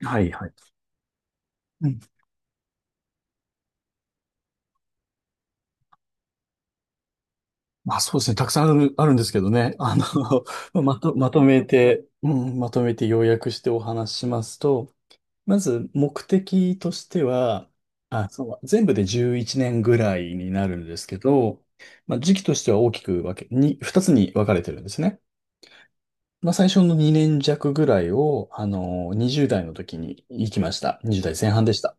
はいはい。うん。まあそうですね。たくさんあるんですけどね。まとめて、まとめて要約してお話ししますと、まず目的としては、あ、そう、全部で11年ぐらいになるんですけど、まあ時期としては大きく分け、に、2つに分かれてるんですね。まあ最初の2年弱ぐらいを、20代の時に行きました。20代前半でした。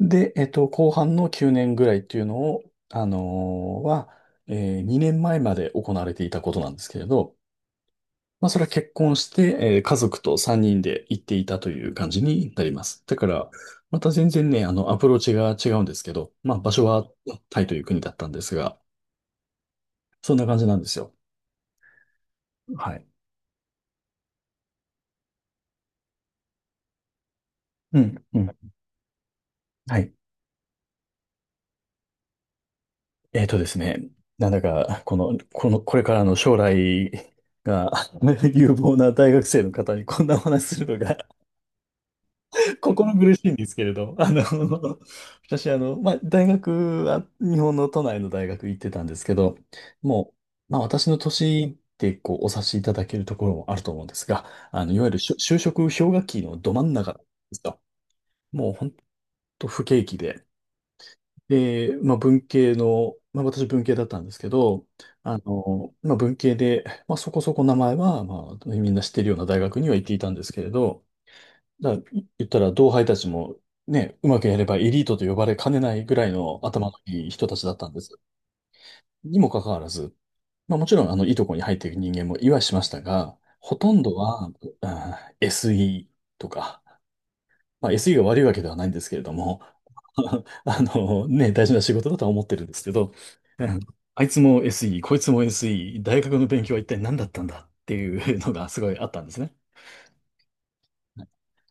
で、後半の9年ぐらいっていうのを、あのーは、え2年前まで行われていたことなんですけれど、まあ、それは結婚して、家族と3人で行っていたという感じになります。だから、また全然ね、アプローチが違うんですけど、まあ、場所はタイという国だったんですが、そんな感じなんですよ。はい。うん、うん。はい。えっとですね、なんだか、これからの将来が 有望な大学生の方にこんなお話するのが心苦しいんですけれど、私、まあ、大学は日本の都内の大学行ってたんですけど、もまあ、私の年でこうお察しいただけるところもあると思うんですが、いわゆる就職氷河期のど真ん中なんですと、もう本当不景気で、で、まあ、私文系だったんですけど、まあ、文系で、まあ、そこそこ名前は、まあ、みんな知ってるような大学には行っていたんですけれど、だから言ったら同輩たちもね、うまくやればエリートと呼ばれかねないぐらいの頭のいい人たちだったんです。にもかかわらず、まあもちろんあのいいとこに入っていく人間もいはしましたが、ほとんどは、SE とか、まあ、SE が悪いわけではないんですけれども、あのね、大事な仕事だとは思ってるんですけど、うんあいつも SE、こいつも SE、大学の勉強は一体何だったんだっていうのがすごいあったんですね。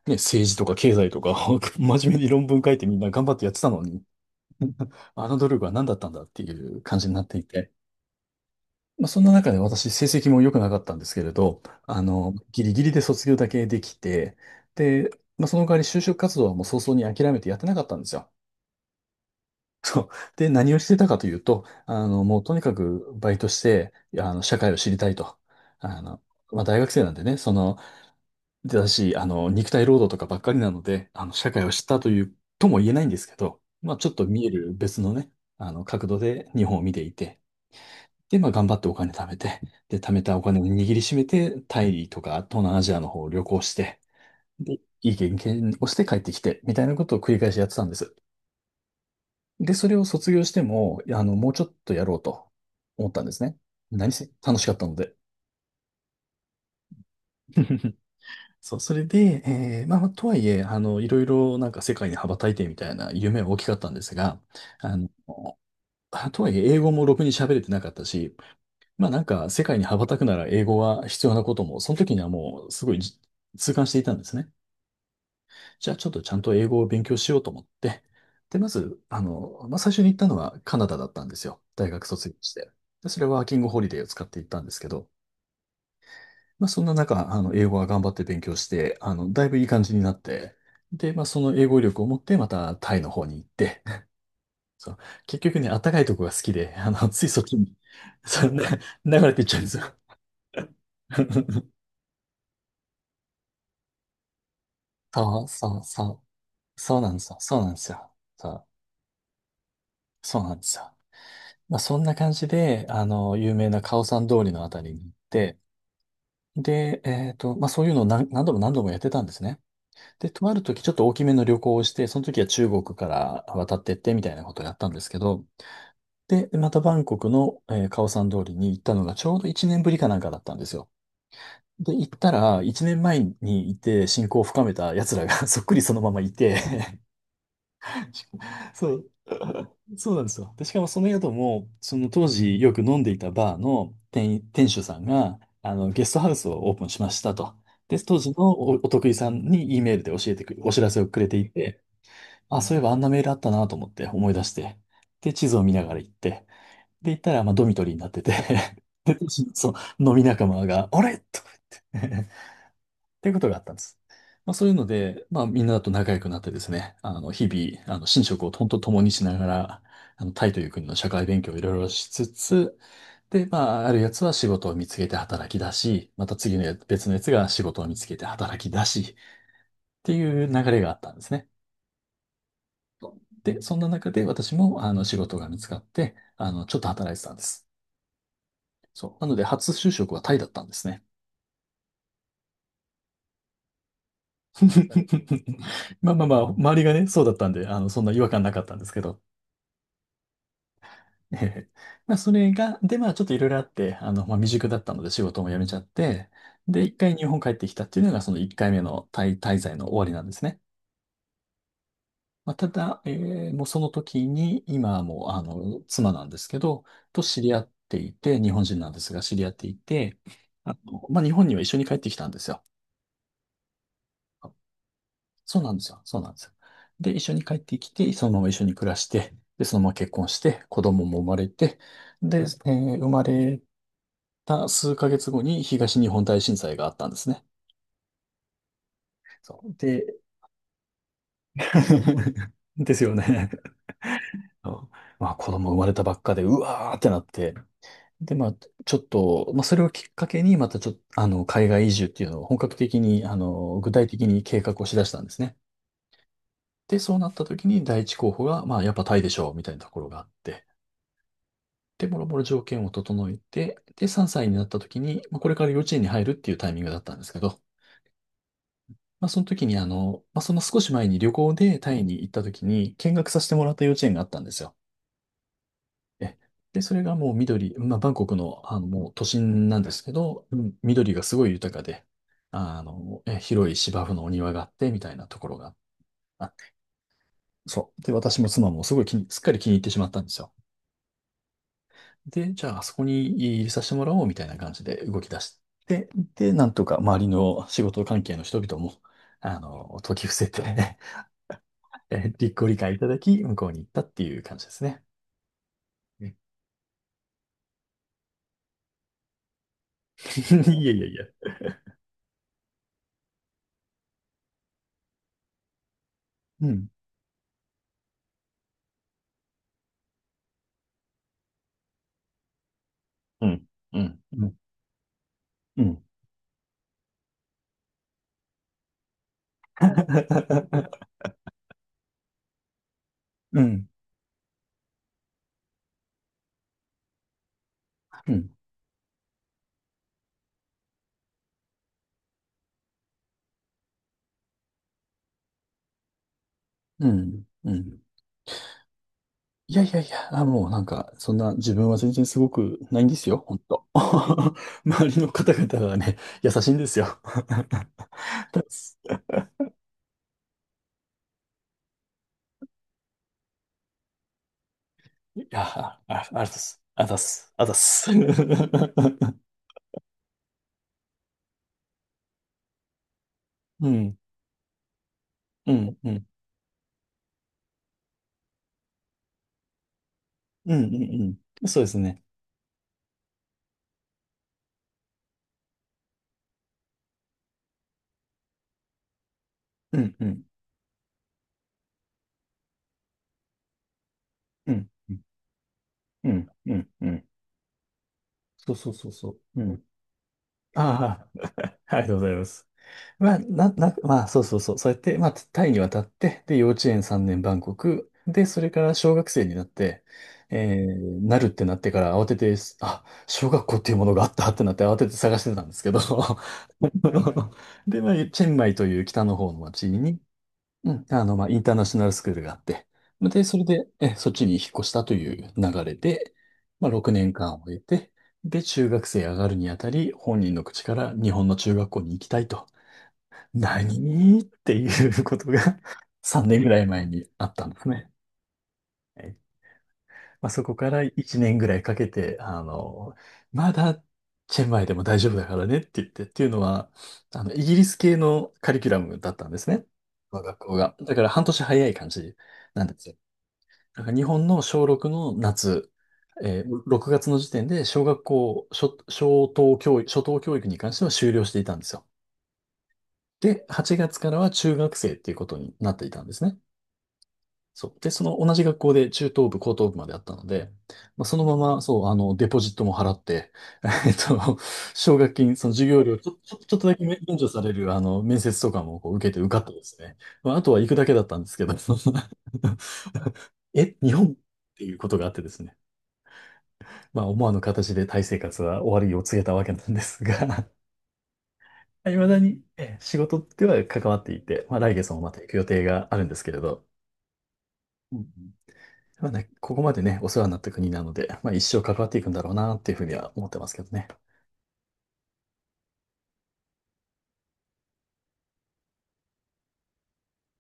ね、政治とか経済とか 真面目に論文書いてみんな頑張ってやってたのに あの努力は何だったんだっていう感じになっていて。まあ、そんな中で私成績も良くなかったんですけれど、ギリギリで卒業だけできて、で、まあ、その代わり就職活動はもう早々に諦めてやってなかったんですよ。で、何をしてたかというと、もうとにかくバイトして、社会を知りたいと。あの、まあ、大学生なんでね、その、だし、あの、肉体労働とかばっかりなので、社会を知ったという、とも言えないんですけど、まあ、ちょっと見える別のね、角度で日本を見ていて、で、まあ、頑張ってお金貯めて、で、貯めたお金を握りしめて、タイとか東南アジアの方を旅行して、で、いい経験をして帰ってきて、みたいなことを繰り返しやってたんです。で、それを卒業しても、もうちょっとやろうと思ったんですね。何せ楽しかったので。そう、それで、まあ、まあとはいえ、いろいろなんか世界に羽ばたいてみたいな夢は大きかったんですが、あの、あとはいえ英語もろくに喋れてなかったし、まあなんか世界に羽ばたくなら英語は必要なことも、その時にはもうすごい痛感していたんですね。じゃあちょっとちゃんと英語を勉強しようと思って、で、まず、まあ最初に行ったのはカナダだったんですよ。大学卒業して。で、それはワーキングホリデーを使って行ったんですけど、まあ、そんな中、英語は頑張って勉強して、だいぶいい感じになって、で、まあ、その英語力を持って、またタイの方に行って、そう、結局ね、あったかいとこが好きで、ついそっちに、そう、な流れていっちゃうんですよ。そう、そう、そう、そうなんですよ、そうなんですよ、そう、そうなんですよ。まあ、そんな感じで、有名なカオさん通りのあたりに行って、で、まあ、そういうのを何度も何度もやってたんですね。で、泊まるときちょっと大きめの旅行をして、その時は中国から渡ってってみたいなことをやったんですけど、で、またバンコクの、カオサン通りに行ったのがちょうど1年ぶりかなんかだったんですよ。で、行ったら、1年前にいて親交を深めた奴らが そっくりそのままいて そう、そうなんですよ。で、しかもその宿も、その当時よく飲んでいたバーの店主さんが、ゲストハウスをオープンしましたと。で、当時のお得意さんに Eメールで教えてく、お知らせをくれていて、あ、そういえばあんなメールあったなと思って思い出して。で、地図を見ながら行って。で、行ったら、まあ、ドミトリーになってて で、そう、飲み仲間が、あれとか言って っていうことがあったんです。まあ、そういうので、まあ、みんなと仲良くなってですね、日々、寝食を本当共にしながら、タイという国の社会勉強をいろいろしつつ、で、まあ、あるやつは仕事を見つけて働き出し、また次のや別のやつが仕事を見つけて働き出し、っていう流れがあったんですね。で、そんな中で私もあの仕事が見つかって、ちょっと働いてたんです。そう。なので、初就職はタイだったんですね。まあまあまあ、周りがね、そうだったんで、そんな違和感なかったんですけど。ええまあ、それが、で、まあ、ちょっといろいろあって、まあ、未熟だったので仕事も辞めちゃって、で、一回日本帰ってきたっていうのが、その一回目のタイ滞在の終わりなんですね。まあ、ただ、もうその時に、今はもう、妻なんですけど、と知り合っていて、日本人なんですが、知り合っていて、まあ、日本には一緒に帰ってきたんですよ。そうなんですよ。そうなんですよ。で、一緒に帰ってきて、そのまま一緒に暮らして、で、そのまま結婚して、子供も生まれて、で、生まれた数ヶ月後に東日本大震災があったんですね。そう。で、ですよね。そうまあ子供生まれたばっかで、うわーってなって、で、まあ、ちょっと、まあ、それをきっかけに、またちょっと、海外移住っていうのを本格的に、具体的に計画をしだしたんですね。で、そうなった時に第一候補が、まあ、やっぱタイでしょう、みたいなところがあって、で、もろもろ条件を整えて、で、3歳になった時に、まあ、これから幼稚園に入るっていうタイミングだったんですけど、まあ、その時に、まあ、その少し前に旅行でタイに行った時に見学させてもらった幼稚園があったんですよ。えで、それがもう緑、まあ、バンコクの、もう都心なんですけど、うん、緑がすごい豊かで、広い芝生のお庭があって、みたいなところがあって、そう。で、私も妻もすごい気に、すっかり気に入ってしまったんですよ。で、じゃあ、あそこに入れさせてもらおう、みたいな感じで動き出して、で、なんとか周りの仕事関係の人々も、解き伏せて ご理解いただき、向こうに行ったっていう感じですね。うん。 いやいやいや。うん。うん。うん。うん。うん、うん、うん、うん、うん。いやいやいや。あ、もうなんか、そんな自分は全然すごくないんですよ、ほんと。周りの方々がね、優しいんですよ。だっす。いや、あ、あ、あざっす、あざっす、あざっす。うん、うん、うん、うん、うん、うん。そうですね。うん、うん、うん、うん、うん、うん。そうそうそうそう。うん。ああ、ありがとうございます。まあ、まあ、そうそうそう。そうやって、まあ、タイに渡って、で、幼稚園3年バンコク、で、それから小学生になって、えー、なるってなってから慌てて、あ、小学校っていうものがあったってなって慌てて探してたんですけど、で、まあ、チェンマイという北の方の町に、うん、まあ、インターナショナルスクールがあって、で、それで、そっちに引っ越したという流れで、まあ、6年間を終えて、で、中学生上がるにあたり、本人の口から日本の中学校に行きたいと。何っていうことが 3年ぐらい前にあったんですね。はい。まあ、そこから1年ぐらいかけて、まだチェンマイでも大丈夫だからねって言って、っていうのは、イギリス系のカリキュラムだったんですね。我が学校が。だから半年早い感じなんですよ。だから日本の小6の夏、えー6月の時点で小学校、小等教育、初等教育に関しては終了していたんですよ。で、8月からは中学生っていうことになっていたんですね。そう。で、その同じ学校で中等部、高等部まであったので、まあ、そのまま、そう、デポジットも払って、えっと、奨学金、その授業料ちょっとだけ免除される、面接とかもこう受けて受かったですね。まあ、あとは行くだけだったんですけど、その 日本っていうことがあってですね。まあ、思わぬ形でタイ生活は終わりを告げたわけなんですが、いまだに仕事では関わっていて、まあ、来月もまた行く予定があるんですけれど、うん、うん。まあね、ここまでね、お世話になった国なので、まあ一生関わっていくんだろうなっていうふうには思ってますけどね。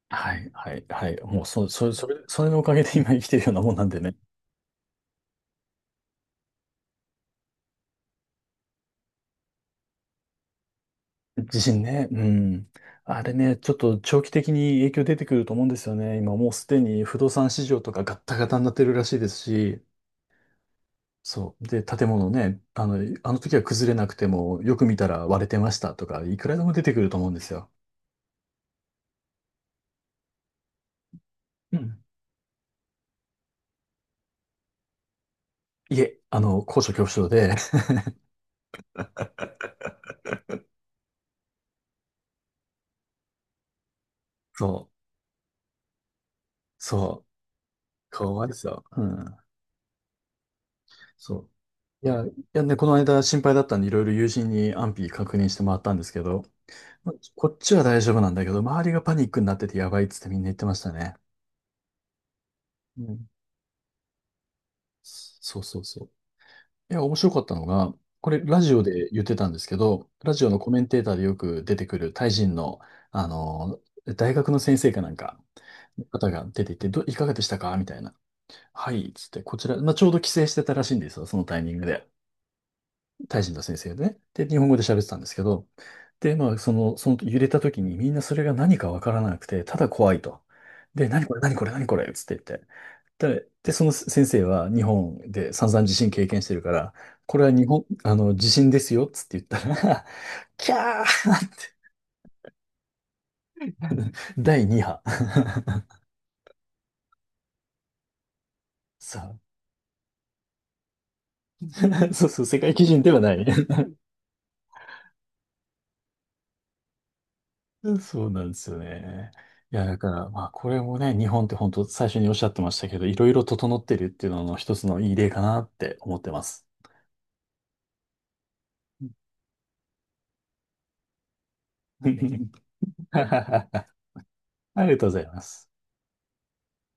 はい、はい、はい。もうそれのおかげで今生きてるようなもんなんでね。地震ね、うん。あれね、ちょっと長期的に影響出てくると思うんですよね。今もうすでに不動産市場とかガッタガタになってるらしいですし、そう。で、建物ね、あの時は崩れなくても、よく見たら割れてましたとか、いくらでも出てくると思うんですよ。うん。いえ、高所恐怖症で、そう。そうかわいさ。うん。そう。いや、いやね、この間心配だったんで、いろいろ友人に安否確認してもらったんですけど、まこっちは大丈夫なんだけど、周りがパニックになっててやばいっつってみんな言ってましたね。うん。そうそうそう。いや、面白かったのが、これラジオで言ってたんですけど、ラジオのコメンテーターでよく出てくるタイ人の、あの、大学の先生かなんか、方が出ていて、いかがでしたかみたいな。はい、つって、こちら、まあ、ちょうど帰省してたらしいんですよ、そのタイミングで。タイ人の先生でね。で、日本語で喋ってたんですけど、で、まあ、その揺れた時にみんなそれが何かわからなくて、ただ怖いと。で、何これ、何これ、何これ、つって言って。で、その先生は日本で散々地震経験してるから、これは日本、地震ですよ、つって言ったら、キャーって、第2波。そう。そうそう、世界基準ではない。そうなんですよね。いや、だから、まあ、これもね、日本って本当最初におっしゃってましたけど、いろいろ整ってるっていうのの一つのいい例かなって思ってます。ありがとうございます。